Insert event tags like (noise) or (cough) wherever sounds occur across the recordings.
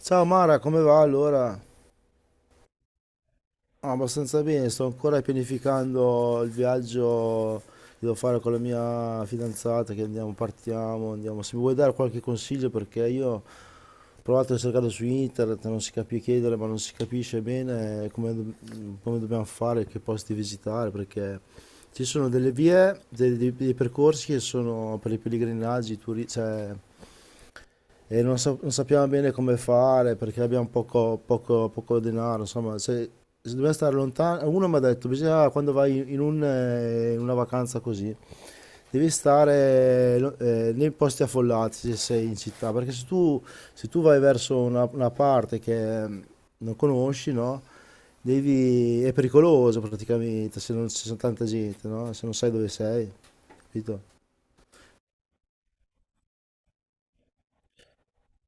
Ciao Mara, come va allora? Ah, abbastanza bene, sto ancora pianificando il viaggio che devo fare con la mia fidanzata, che andiamo, partiamo, andiamo. Se mi vuoi dare qualche consiglio, perché io ho provato a cercare su internet, non si capisce chiedere, ma non si capisce bene come, come dobbiamo fare, che posti visitare, perché ci sono delle vie, dei percorsi che sono per i pellegrinaggi, cioè e non, non sappiamo bene come fare perché abbiamo poco denaro, insomma, se, se dobbiamo stare lontani, uno mi ha detto, bisogna quando vai in, un, in una vacanza così, devi stare nei posti affollati se sei in città, perché se tu, se tu vai verso una parte che non conosci, no? Devi, è pericoloso praticamente se non ci sono tanta gente, no? Se non sai dove sei, capito?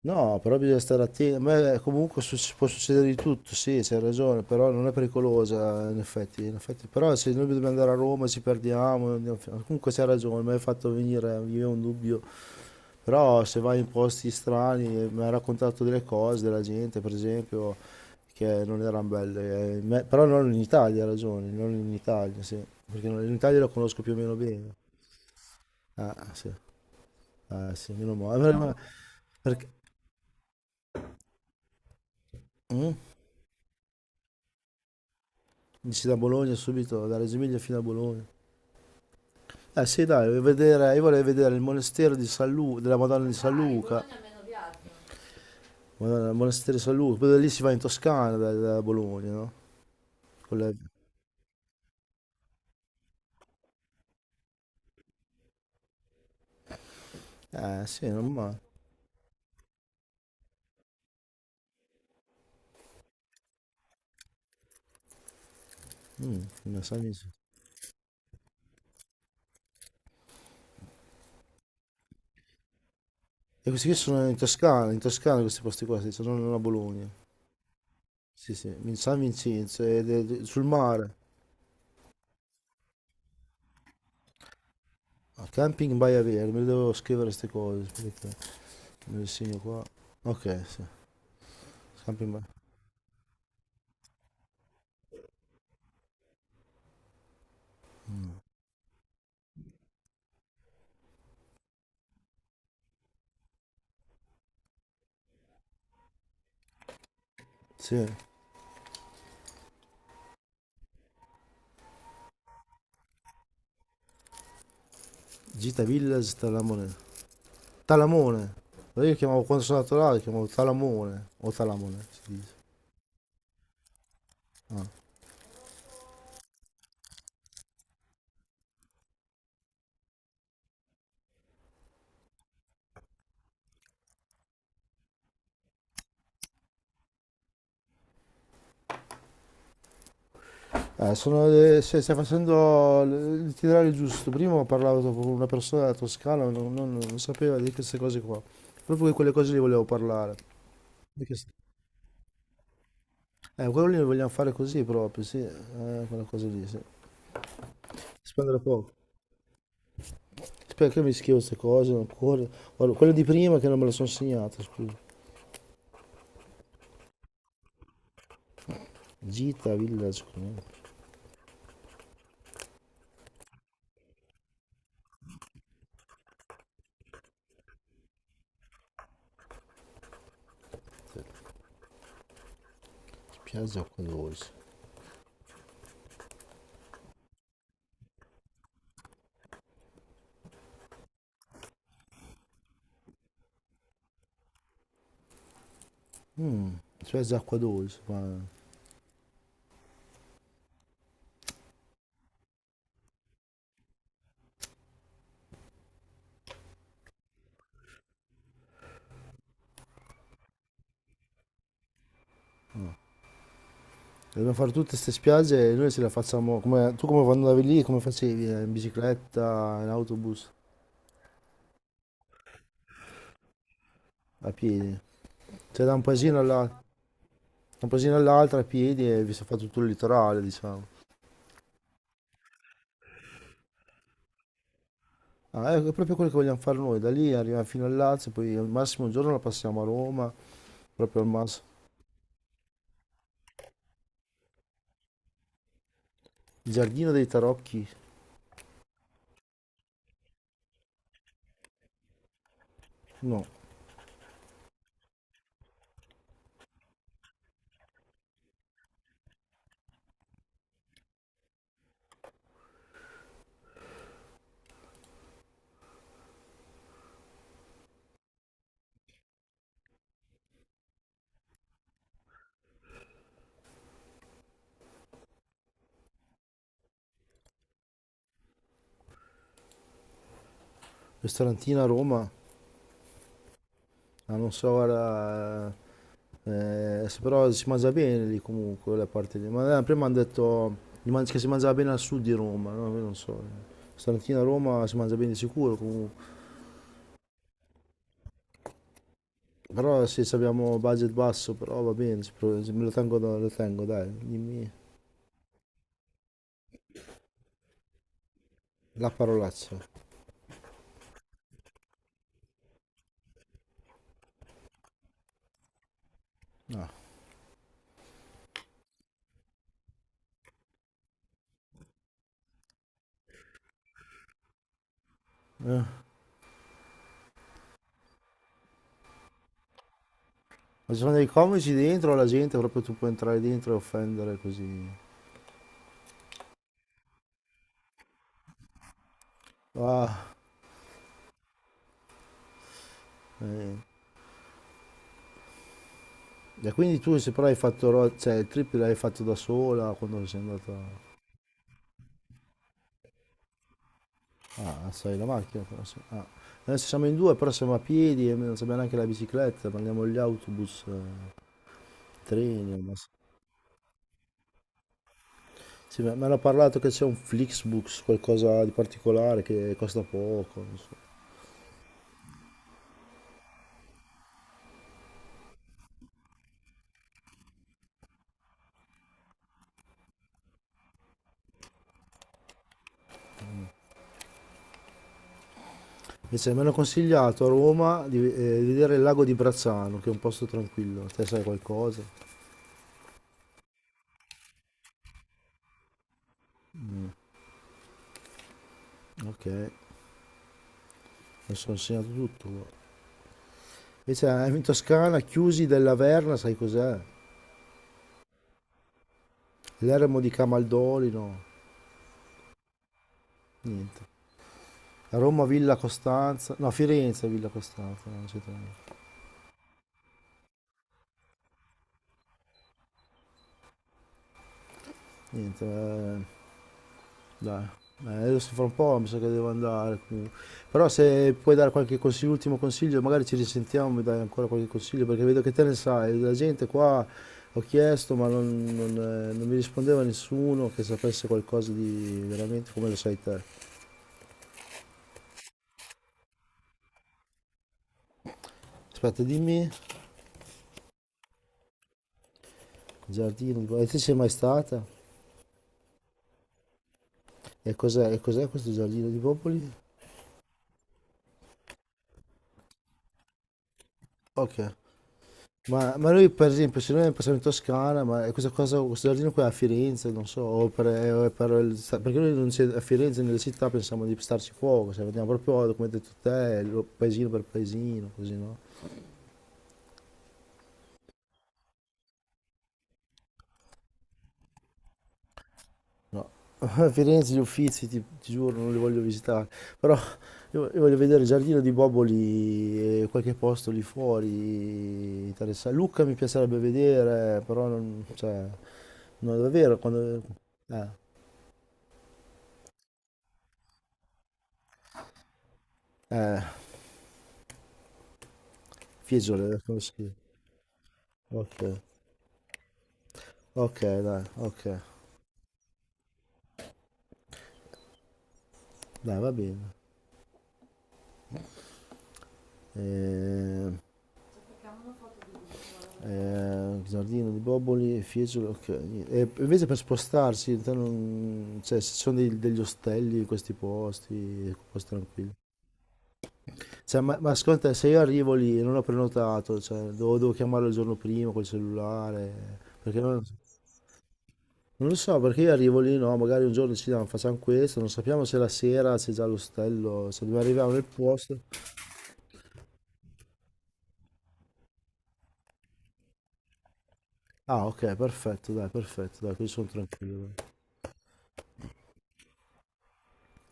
No, però bisogna stare attenti. A me comunque può succedere di tutto, sì, c'hai ragione, però non è pericolosa in effetti, in effetti. Però se noi dobbiamo andare a Roma ci perdiamo, comunque c'hai ragione, mi hai fatto venire via un dubbio. Però se vai in posti strani, mi hai raccontato delle cose della gente, per esempio, che non erano belle. Però non in Italia, hai ragione, non in Italia, sì. Perché in Italia la conosco più o meno bene. Ah, sì, ah, sì, meno male. Perché... mm? Dici da Bologna subito, da Reggio Emilia fino a Bologna. Eh sì, dai, io vorrei vedere il monastero di della Madonna di San Luca. Ah, Madonna, il monastero di San Luca, poi da lì si va in Toscana da, da Bologna, no? Con le- Eh sì, non male. Mm, non so niente. E questi qui sono in Toscana questi posti qua, sì, sono non a Bologna. Sì, sì, in San Vincenzo, ed è sul mare. A Camping Baia Verde, me le devo scrivere queste cose, aspetta. Me le segno qua. Ok, sì. Camping Baia. Sì. Gita Village Talamone. Talamone. Allora io chiamavo quando sono andato là, lo chiamavo Talamone o Talamone si dice. Sono stai facendo il titolare giusto. Prima ho parlato con una persona della Toscana, non sapeva di queste cose qua. Proprio di quelle cose lì volevo parlare. Di che s- quello lì lo vogliamo fare così proprio, sì. Quella cosa lì, sì. Spendere poco. Spero che mi scrivo queste cose ancora. Guarda, quelle di prima che non me le sono segnate, scusa. Gita, Village, Piazza Acqua Dolce. Suez è acqua dolce, ma dobbiamo fare tutte queste spiagge e noi se le facciamo come tu come quando andavi lì, come facevi? In bicicletta, in autobus, a piedi. Cioè da un da un paesino all'altro a piedi e vi si fa tutto il litorale, diciamo. Ah, ecco, è proprio quello che vogliamo fare noi, da lì arriviamo fino al Lazio, poi al massimo un giorno la passiamo a Roma, proprio al massimo. Il giardino dei tarocchi, no, ristorantino a Roma, ah, non so, guarda. Però si mangia bene lì comunque, quella parte lì. Ma prima hanno detto che si mangiava bene al sud di Roma, no? Io non so. Stamattina a Roma si mangia bene di sicuro comunque. Però sì, se abbiamo budget basso, però va bene, se me lo tengo, lo tengo, dai, dimmi la parolaccia. No. Eh. Ma ci sono dei comici dentro, la gente proprio tu puoi entrare dentro e offendere così. Ah, eh. E quindi tu se però hai fatto, cioè il trip l'hai fatto da sola quando sei andata... Ah, sai la macchina però sì. Ah. Adesso siamo in due, però siamo a piedi e non sappiamo neanche la bicicletta, prendiamo gli autobus, treni. O non so. Sì, mi hanno parlato che c'è un Flixbus, qualcosa di particolare che costa poco. Non so. Invece mi hanno consigliato a Roma di vedere il lago di Brazzano, che è un posto tranquillo. Te sai qualcosa? Ok, adesso ho insegnato tutto, guarda. Invece in Toscana, Chiusi della Verna, sai cos'è? L'eremo di Camaldolino. Niente. Roma, Villa Costanza, no Firenze, Villa Costanza, no, eccetera. Niente, dai. Adesso fra un po' mi sa che devo andare comunque. Però se puoi dare qualche consiglio, ultimo consiglio, magari ci risentiamo e dai ancora qualche consiglio, perché vedo che te ne sai, la gente qua ho chiesto ma non mi rispondeva nessuno che sapesse qualcosa di veramente come lo sai te. Aspetta, dimmi, giardino di Popoli. E te sei mai stata? E cos'è questo giardino di Popoli? Ok. Ma lui per esempio se noi passiamo in Toscana, ma questa cosa, questo giardino qui è a Firenze, non so, o per, o è per perché noi non c'è- a Firenze nelle città pensiamo di starci fuoco, cioè andiamo proprio come hai detto te, paesino per paesino, così no? No, (laughs) a Firenze gli Uffizi ti, ti giuro non li voglio visitare, però io voglio vedere il giardino di Boboli e qualche posto lì fuori, interessante. Lucca mi piacerebbe vedere, però non, cioè, non davvero quando... Eh, eh. Fiesole, come si chiama? Ok, ok, dai, va bene. Ehm, Giardino di Boboli, Fiesole, ok. E invece per spostarsi, te cioè, se ci sono degli ostelli in questi posti, posti tranquilli. Cioè, ma secondo te, se io arrivo lì e non ho prenotato, cioè, devo, devo chiamarlo il giorno prima col cellulare, perché non... Non lo so, perché io arrivo lì, no, magari un giorno decidiamo, facciamo questo, non sappiamo se la sera c'è già l'ostello, se dobbiamo arrivare nel posto. Ah, ok, perfetto, dai, così sono tranquillo, dai.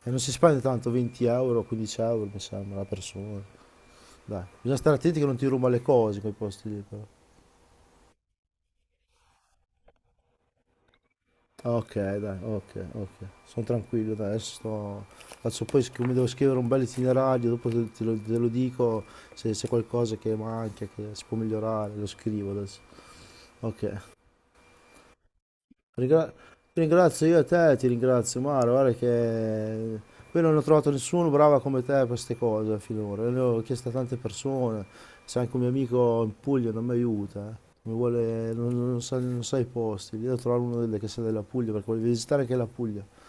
E non si spende tanto, 20 euro, 15 euro, mi sembra, la persona. Dai, bisogna stare attenti che non ti ruba le cose quei posti lì, però. Ah, ok, dai, ok, ok. Sono tranquillo, dai, adesso sto... Adesso poi mi devo scrivere un bel itinerario, dopo te, te lo dico se c'è qualcosa che manca, che si può migliorare, lo scrivo adesso. Ok. Ringra- Ti ringrazio io a te, ti ringrazio Mara, guarda che poi non ho trovato nessuno bravo come te per queste cose finora, le ho chiesto a tante persone, c'è anche un mio amico in Puglia, non mi aiuta, eh. Mi vuole, non sa, non sa i posti, devo trovare uno che sia della Puglia perché voglio visitare anche la Puglia.